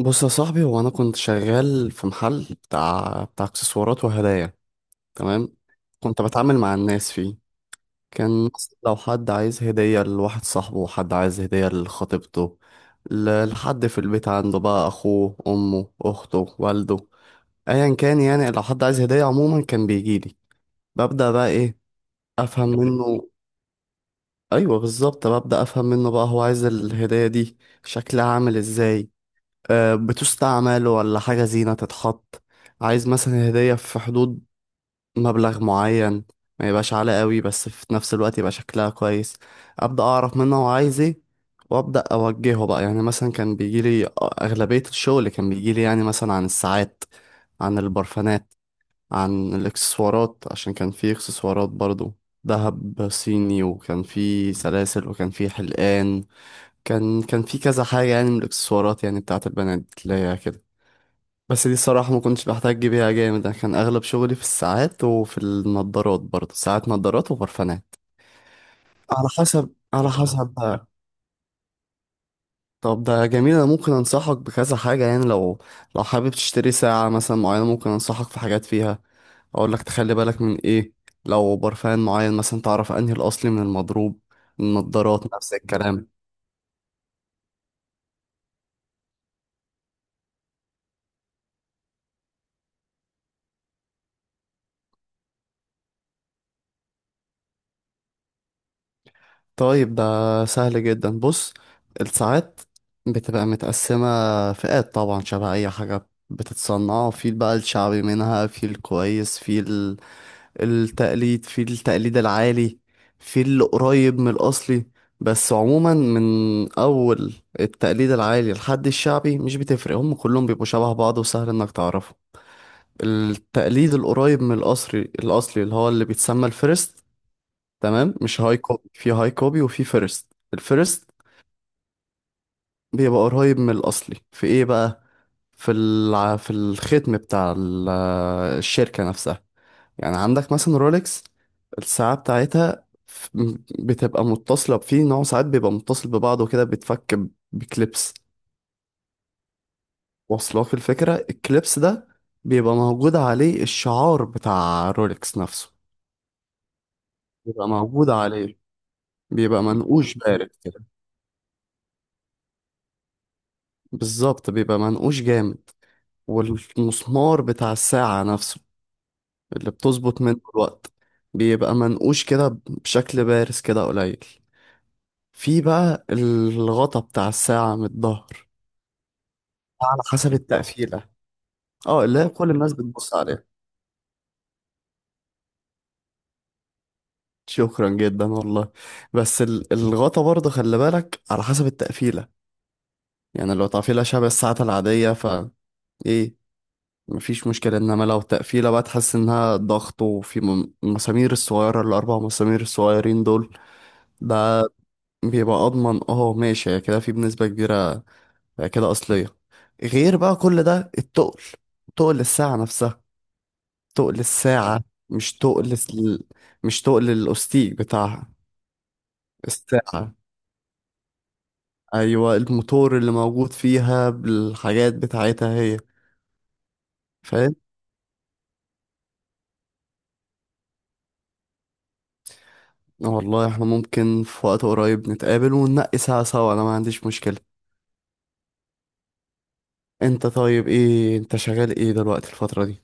بص يا صاحبي، هو انا كنت شغال في محل بتاع اكسسوارات وهدايا. تمام. كنت بتعامل مع الناس فيه. كان مثلا لو حد عايز هدية لواحد صاحبه، وحد عايز هدية لخطيبته، لحد في البيت عنده بقى، اخوه، امه، اخته، والده، ايا كان. يعني لو حد عايز هدية عموما كان بيجيلي. ببدأ بقى ايه، افهم منه. ايوه بالظبط، ببدأ افهم منه بقى هو عايز الهدية دي شكلها عامل ازاي. بتستعمل ولا حاجة زينة تتحط. عايز مثلا هدية في حدود مبلغ معين، ما يبقاش عالي قوي بس في نفس الوقت يبقى شكلها كويس. أبدأ أعرف منه هو عايز ايه، وأبدأ أوجهه بقى. يعني مثلا كان بيجيلي، أغلبية الشغل كان بيجيلي يعني مثلا عن الساعات، عن البرفانات، عن الإكسسوارات، عشان كان في إكسسوارات برضو، دهب صيني، وكان في سلاسل وكان في حلقان. كان في كذا حاجة يعني من الإكسسوارات، يعني بتاعت البنات اللي هي كده. بس دي الصراحة ما كنتش بحتاج بيها جامد، أنا كان أغلب شغلي في الساعات وفي النضارات، برضه ساعات، نضارات، وبرفانات، على حسب على حسب بقى. طب ده جميل، أنا ممكن أنصحك بكذا حاجة. يعني لو حابب تشتري ساعة مثلا معينة، ممكن أنصحك في حاجات فيها، أقول لك تخلي بالك من إيه. لو برفان معين مثلا، تعرف أنهي الأصلي من المضروب. النضارات نفس الكلام. طيب ده سهل جدا. بص، الساعات بتبقى متقسمة فئات، طبعا شبه أي حاجة بتتصنع. في بقى الشعبي منها، في الكويس، التقليد، في التقليد العالي، في القريب من الأصلي. بس عموما من أول التقليد العالي لحد الشعبي مش بتفرق، هم كلهم بيبقوا شبه بعض، وسهل إنك تعرفه. التقليد القريب من الأصلي، الأصلي اللي هو اللي بيتسمى الفيرست. تمام، مش هاي كوبي، في هاي كوبي وفي فيرست. الفيرست بيبقى قريب من الاصلي في ايه بقى. في الختم بتاع الشركة نفسها. يعني عندك مثلا رولكس، الساعة بتاعتها بتبقى متصلة. في نوع ساعات بيبقى متصل ببعضه كده، بيتفك بكليبس. واصلاك الفكرة؟ الكليبس ده بيبقى موجود عليه الشعار بتاع رولكس نفسه. بيبقى موجود عليه، بيبقى منقوش بارد كده. بالظبط، بيبقى منقوش جامد. والمسمار بتاع الساعة نفسه اللي بتظبط منه الوقت بيبقى منقوش كده بشكل بارز كده قليل. في بقى الغطا بتاع الساعة من الظهر، على حسب التقفيلة. اه، اللي هي كل الناس بتبص عليها. شكرا جدا والله. بس الغطا برضه خلي بالك على حسب التقفيلة. يعني لو تقفيلة شبه الساعة العادية ف ايه، مفيش مشكلة. انما لو تقفيلة بقى تحس انها ضغط، وفي المسامير الصغيرة، الاربع مسامير الصغيرين دول، ده بيبقى اضمن. اه ماشي، هي كده في بنسبة كبيرة هي كده اصلية. غير بقى كل ده التقل، تقل الساعة نفسها. تقل الساعة، مش تقل مش تقل الاستيك بتاعها. الساعة، ايوه، الموتور اللي موجود فيها بالحاجات بتاعتها هي. فاهم. والله احنا ممكن في وقت قريب نتقابل وننقي ساعة سوا، انا ما عنديش مشكلة. انت طيب، ايه انت شغال ايه دلوقتي الفترة دي؟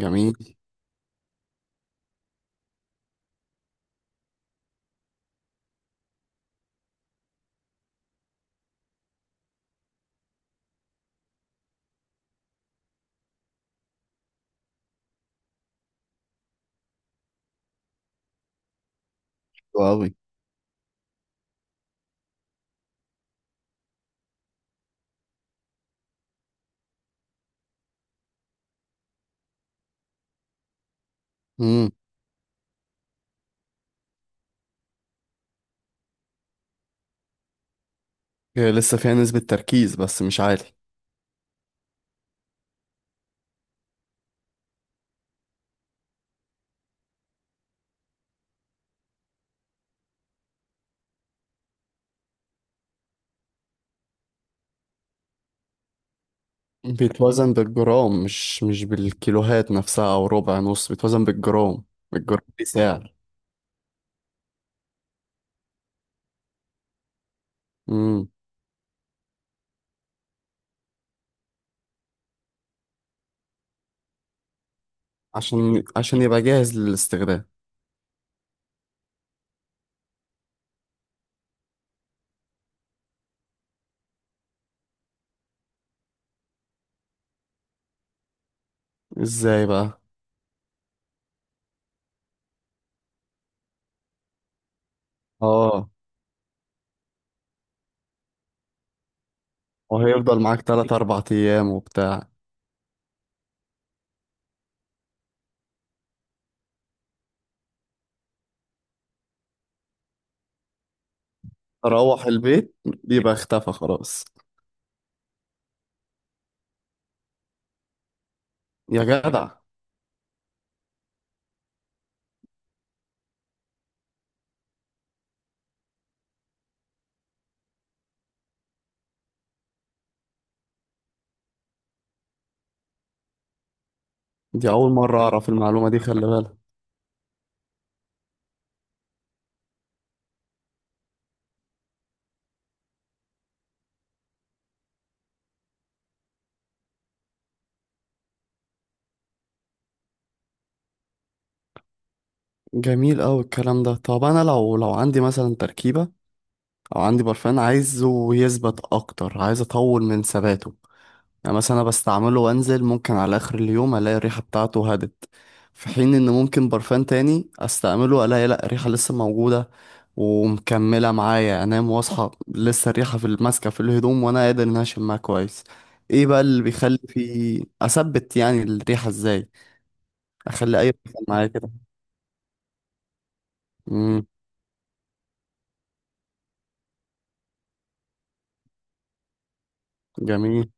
جميل. حلو أوي. امم. هي لسه فيها نسبة تركيز بس مش عالي. بيتوزن بالجرام، مش بالكيلوهات نفسها او ربع نص، بيتوزن بالجرام. الجرام دي سعر. امم. عشان يبقى جاهز للاستخدام. ازاي بقى؟ اه. وهيفضل معاك تلات اربع ايام وبتاع. تروح البيت بيبقى اختفى خلاص. يا جدع. دي اول مرة اعرف المعلومة دي، خلي بالك. جميل أوي الكلام ده. طب أنا لو عندي مثلا تركيبة، أو عندي برفان عايزه يثبت أكتر، عايز أطول من ثباته. يعني مثلا انا بستعمله وانزل، ممكن على اخر اليوم الاقي الريحه بتاعته هدت، في حين ان ممكن برفان تاني استعمله الاقي لا، الريحه لسه موجوده ومكمله معايا، انام واصحى لسه الريحه في الماسكه في الهدوم، وانا قادر ان أنا اشمها كويس. ايه بقى اللي بيخلي في اثبت يعني الريحه ازاي؟ اخلي اي برفان معايا كده. امم. جميل.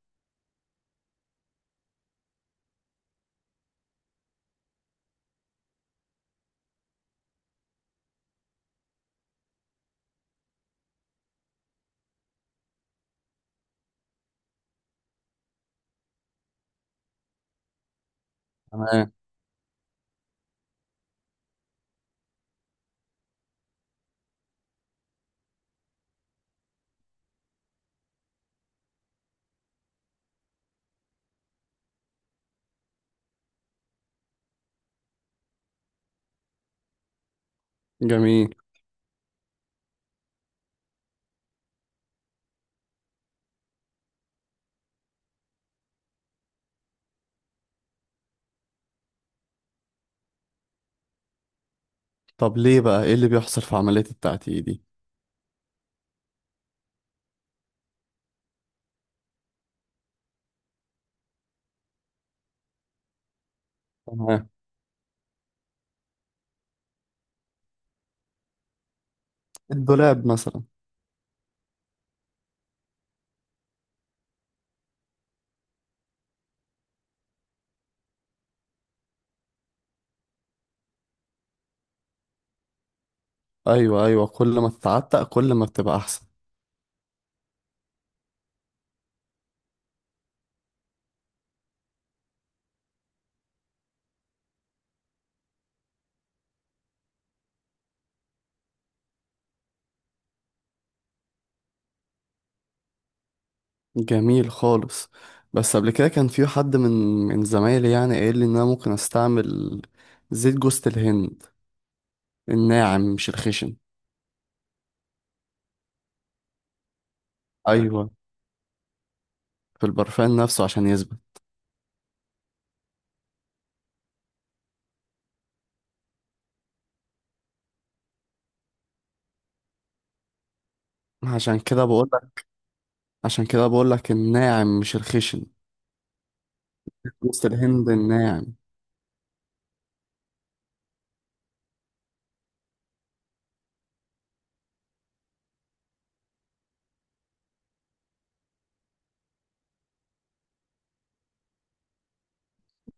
تمام. جميل. طب ليه بقى، ايه اللي بيحصل في عمليه التعتيق دي؟ تمام. الدولاب مثلا. ايوه ايوه، كل ما تتعتق كل ما بتبقى احسن. جميل خالص. بس قبل كده كان في حد من زمايلي يعني قايل لي ان انا ممكن استعمل زيت جوز الهند، الناعم مش الخشن. ايوه. في البرفان نفسه عشان يثبت. عشان كده بقول لك. عشان كده بقول لك الناعم مش الخشن، جوز الهند الناعم.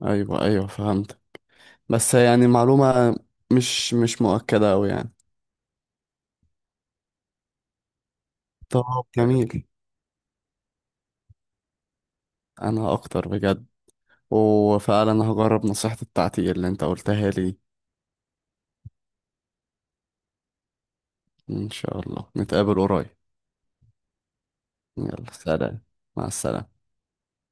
ايوه ايوه فهمت. بس يعني معلومة مش مؤكدة أوي يعني. طب. جميل. انا اكتر بجد. وفعلا هجرب نصيحتي بتاعتي اللي انت قلتها لي. ان شاء الله نتقابل قريب. يلا سلام. مع السلامة.